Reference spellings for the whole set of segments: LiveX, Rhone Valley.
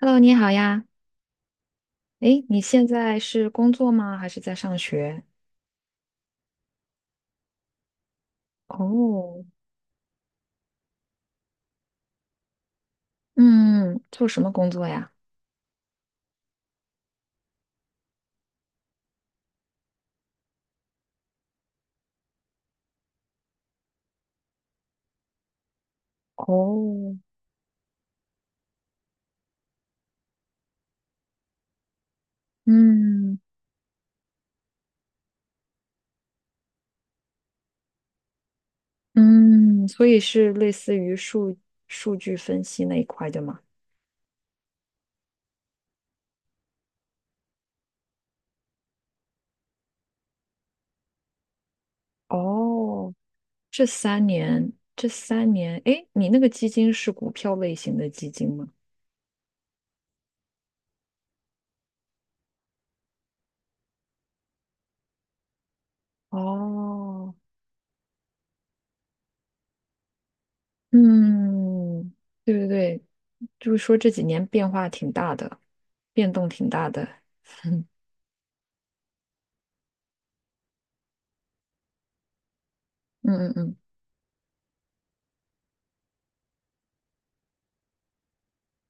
Hello，你好呀。诶，你现在是工作吗？还是在上学？哦，嗯，做什么工作呀？哦，嗯嗯，所以是类似于数据分析那一块的吗？哦，这三年，这三年，诶，你那个基金是股票类型的基金吗？哦，嗯，对对对，就是说这几年变化挺大的，变动挺大的。嗯嗯嗯。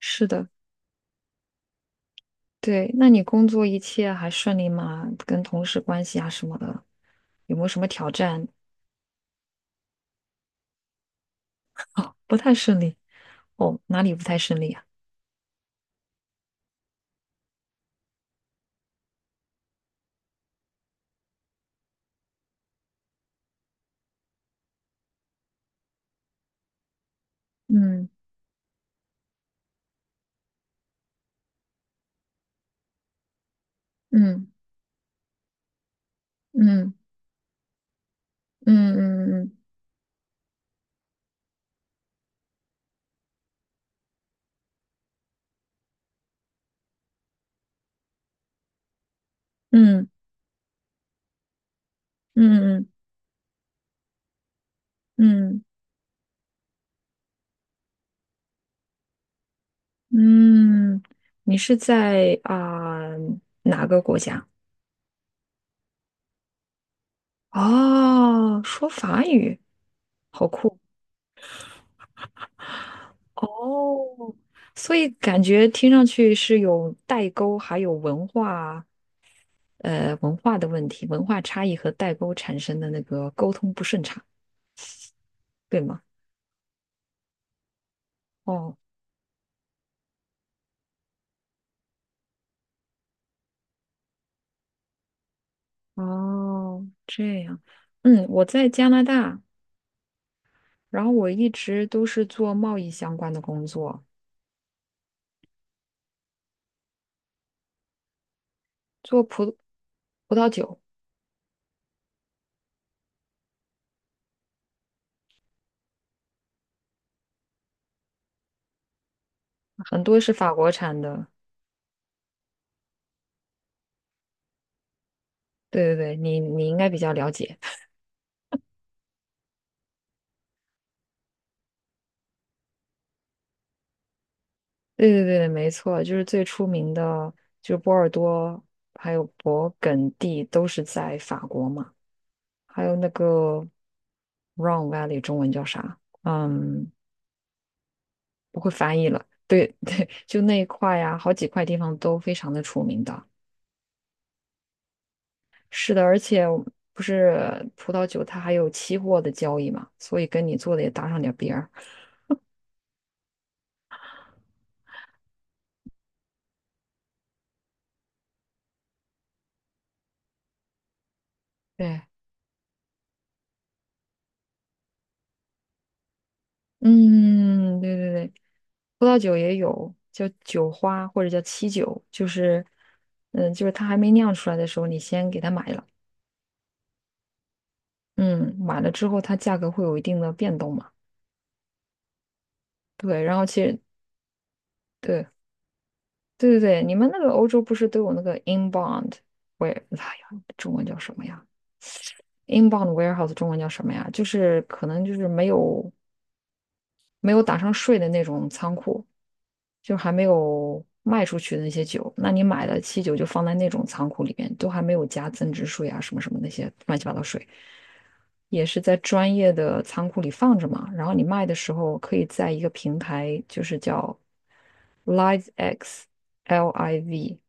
是的，对。那你工作一切还顺利吗？跟同事关系啊什么的，有没有什么挑战？哦，不太顺利。哦，哪里不太顺利啊？嗯嗯嗯嗯嗯嗯嗯嗯嗯嗯，你是在啊、哪个国家？哦，说法语，好酷哦！所以感觉听上去是有代沟，还有文化的问题，文化差异和代沟产生的那个沟通不顺畅，对吗？哦，哦，这样，嗯，我在加拿大，然后我一直都是做贸易相关的工作，做葡萄酒，很多是法国产的。对对对，你应该比较了解。对对对，没错，就是最出名的，就是波尔多还有勃艮第都是在法国嘛。还有那个 Rhone Valley 中文叫啥？嗯，不会翻译了。对 对，就那一块呀，好几块地方都非常的出名的。是的，而且不是葡萄酒，它还有期货的交易嘛，所以跟你做的也搭上点儿边儿。对，嗯，对对对，葡萄酒也有叫酒花或者叫期酒，就是它还没酿出来的时候，你先给它买了，嗯，买了之后它价格会有一定的变动嘛。对，然后其实对，对对对，你们那个欧洲不是都有那个 inbound ware，哎呀，中文叫什么呀？inbound warehouse 中文叫什么呀？就是可能就是没有打上税的那种仓库。就还没有卖出去的那些酒，那你买的汽酒就放在那种仓库里面，都还没有加增值税啊什么什么那些乱七八糟税，也是在专业的仓库里放着嘛。然后你卖的时候可以在一个平台，就是叫 LiveX L I V，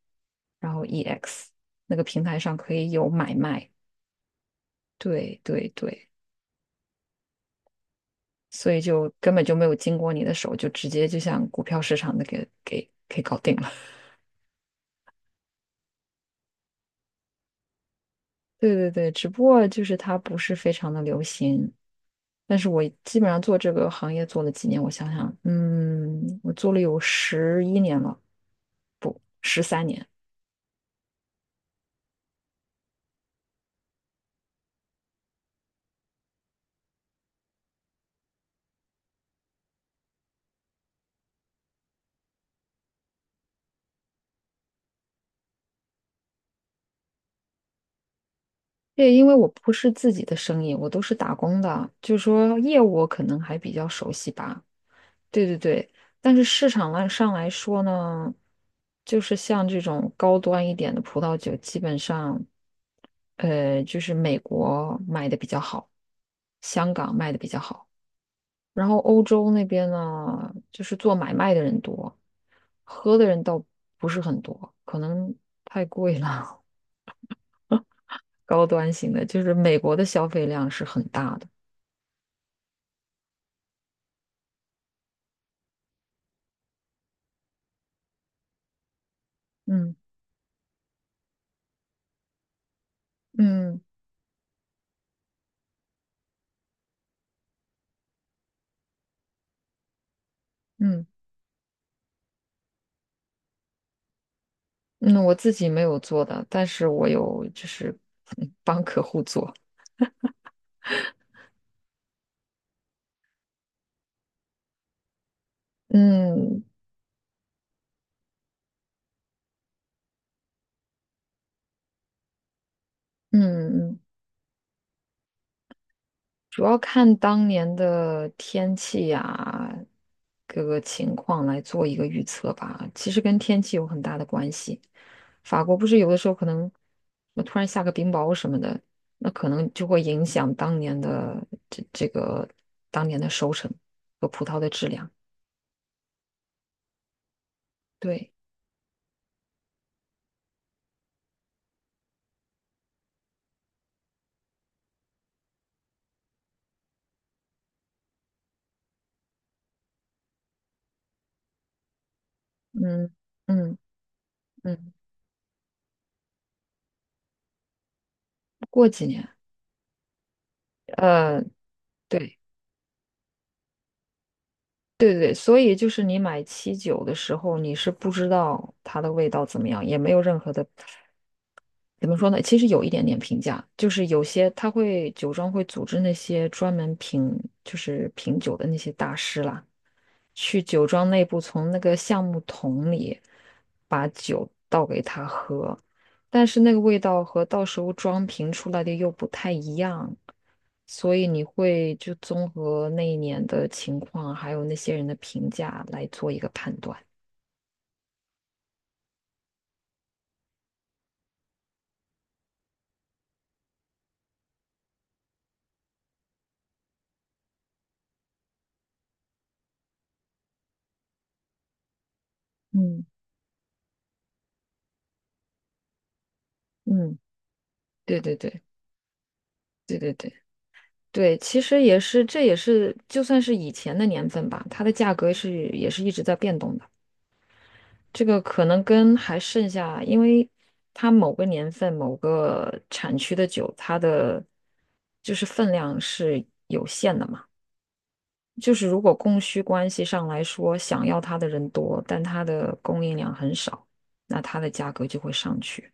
然后 E X 那个平台上可以有买卖。对对对，所以就根本就没有经过你的手，就直接就像股票市场的给搞定了。对对对，只不过就是它不是非常的流行，但是我基本上做这个行业做了几年，我想想，我做了有11年了，不，13年。对，因为我不是自己的生意，我都是打工的，就是说业务我可能还比较熟悉吧。对对对，但是市场来上来说呢，就是像这种高端一点的葡萄酒，基本上，就是美国卖的比较好，香港卖的比较好。然后欧洲那边呢，就是做买卖的人多，喝的人倒不是很多，可能太贵了，高端型的，就是美国的消费量是很大的。嗯嗯嗯嗯，我自己没有做的，但是我有就是 帮客户做。嗯嗯嗯。主要看当年的天气呀，各个情况来做一个预测吧。其实跟天气有很大的关系。法国不是有的时候可能，那突然下个冰雹什么的，那可能就会影响这这个当年的收成和葡萄的质量。对，嗯嗯嗯，过几年，呃，对。对对对，所以就是你买七九的时候，你是不知道它的味道怎么样，也没有任何的，怎么说呢？其实有一点点评价，就是有些他会酒庄会组织那些专门品，就是品酒的那些大师啦。去酒庄内部从那个橡木桶里把酒倒给他喝，但是那个味道和到时候装瓶出来的又不太一样，所以你会就综合那一年的情况，还有那些人的评价来做一个判断。嗯嗯，对对对对对对对，其实也是，这也是就算是以前的年份吧，它的价格是也是一直在变动的。这个可能跟还剩下，因为它某个年份、某个产区的酒，它的就是分量是有限的嘛。就是如果供需关系上来说，想要它的人多，但它的供应量很少，那它的价格就会上去。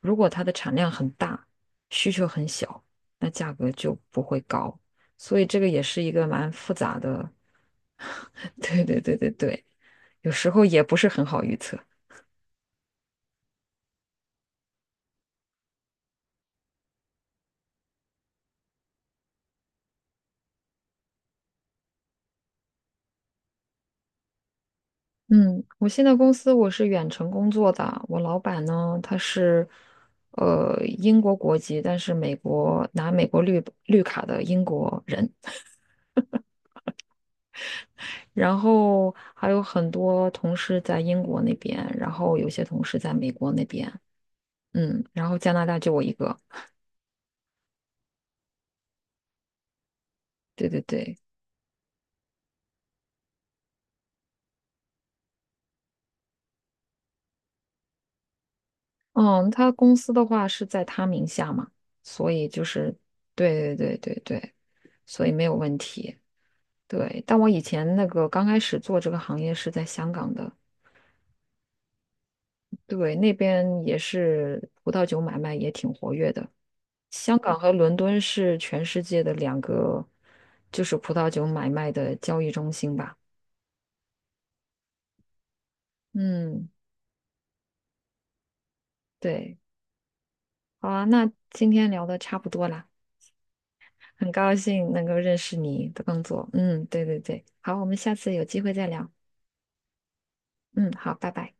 如果它的产量很大，需求很小，那价格就不会高。所以这个也是一个蛮复杂的，对对对对对，有时候也不是很好预测。嗯，我现在公司我是远程工作的，我老板呢他是英国国籍，但是美国拿美国绿卡的英国人，然后还有很多同事在英国那边，然后有些同事在美国那边，嗯，然后加拿大就我一个，对对对，嗯，他公司的话是在他名下嘛，所以就是对对对对对，所以没有问题。对，但我以前那个刚开始做这个行业是在香港的，对，那边也是葡萄酒买卖也挺活跃的。香港和伦敦是全世界的2个，就是葡萄酒买卖的交易中心吧。嗯，对，好啊，那今天聊的差不多啦，很高兴能够认识你的工作。嗯，对对对，好，我们下次有机会再聊。嗯，好，拜拜。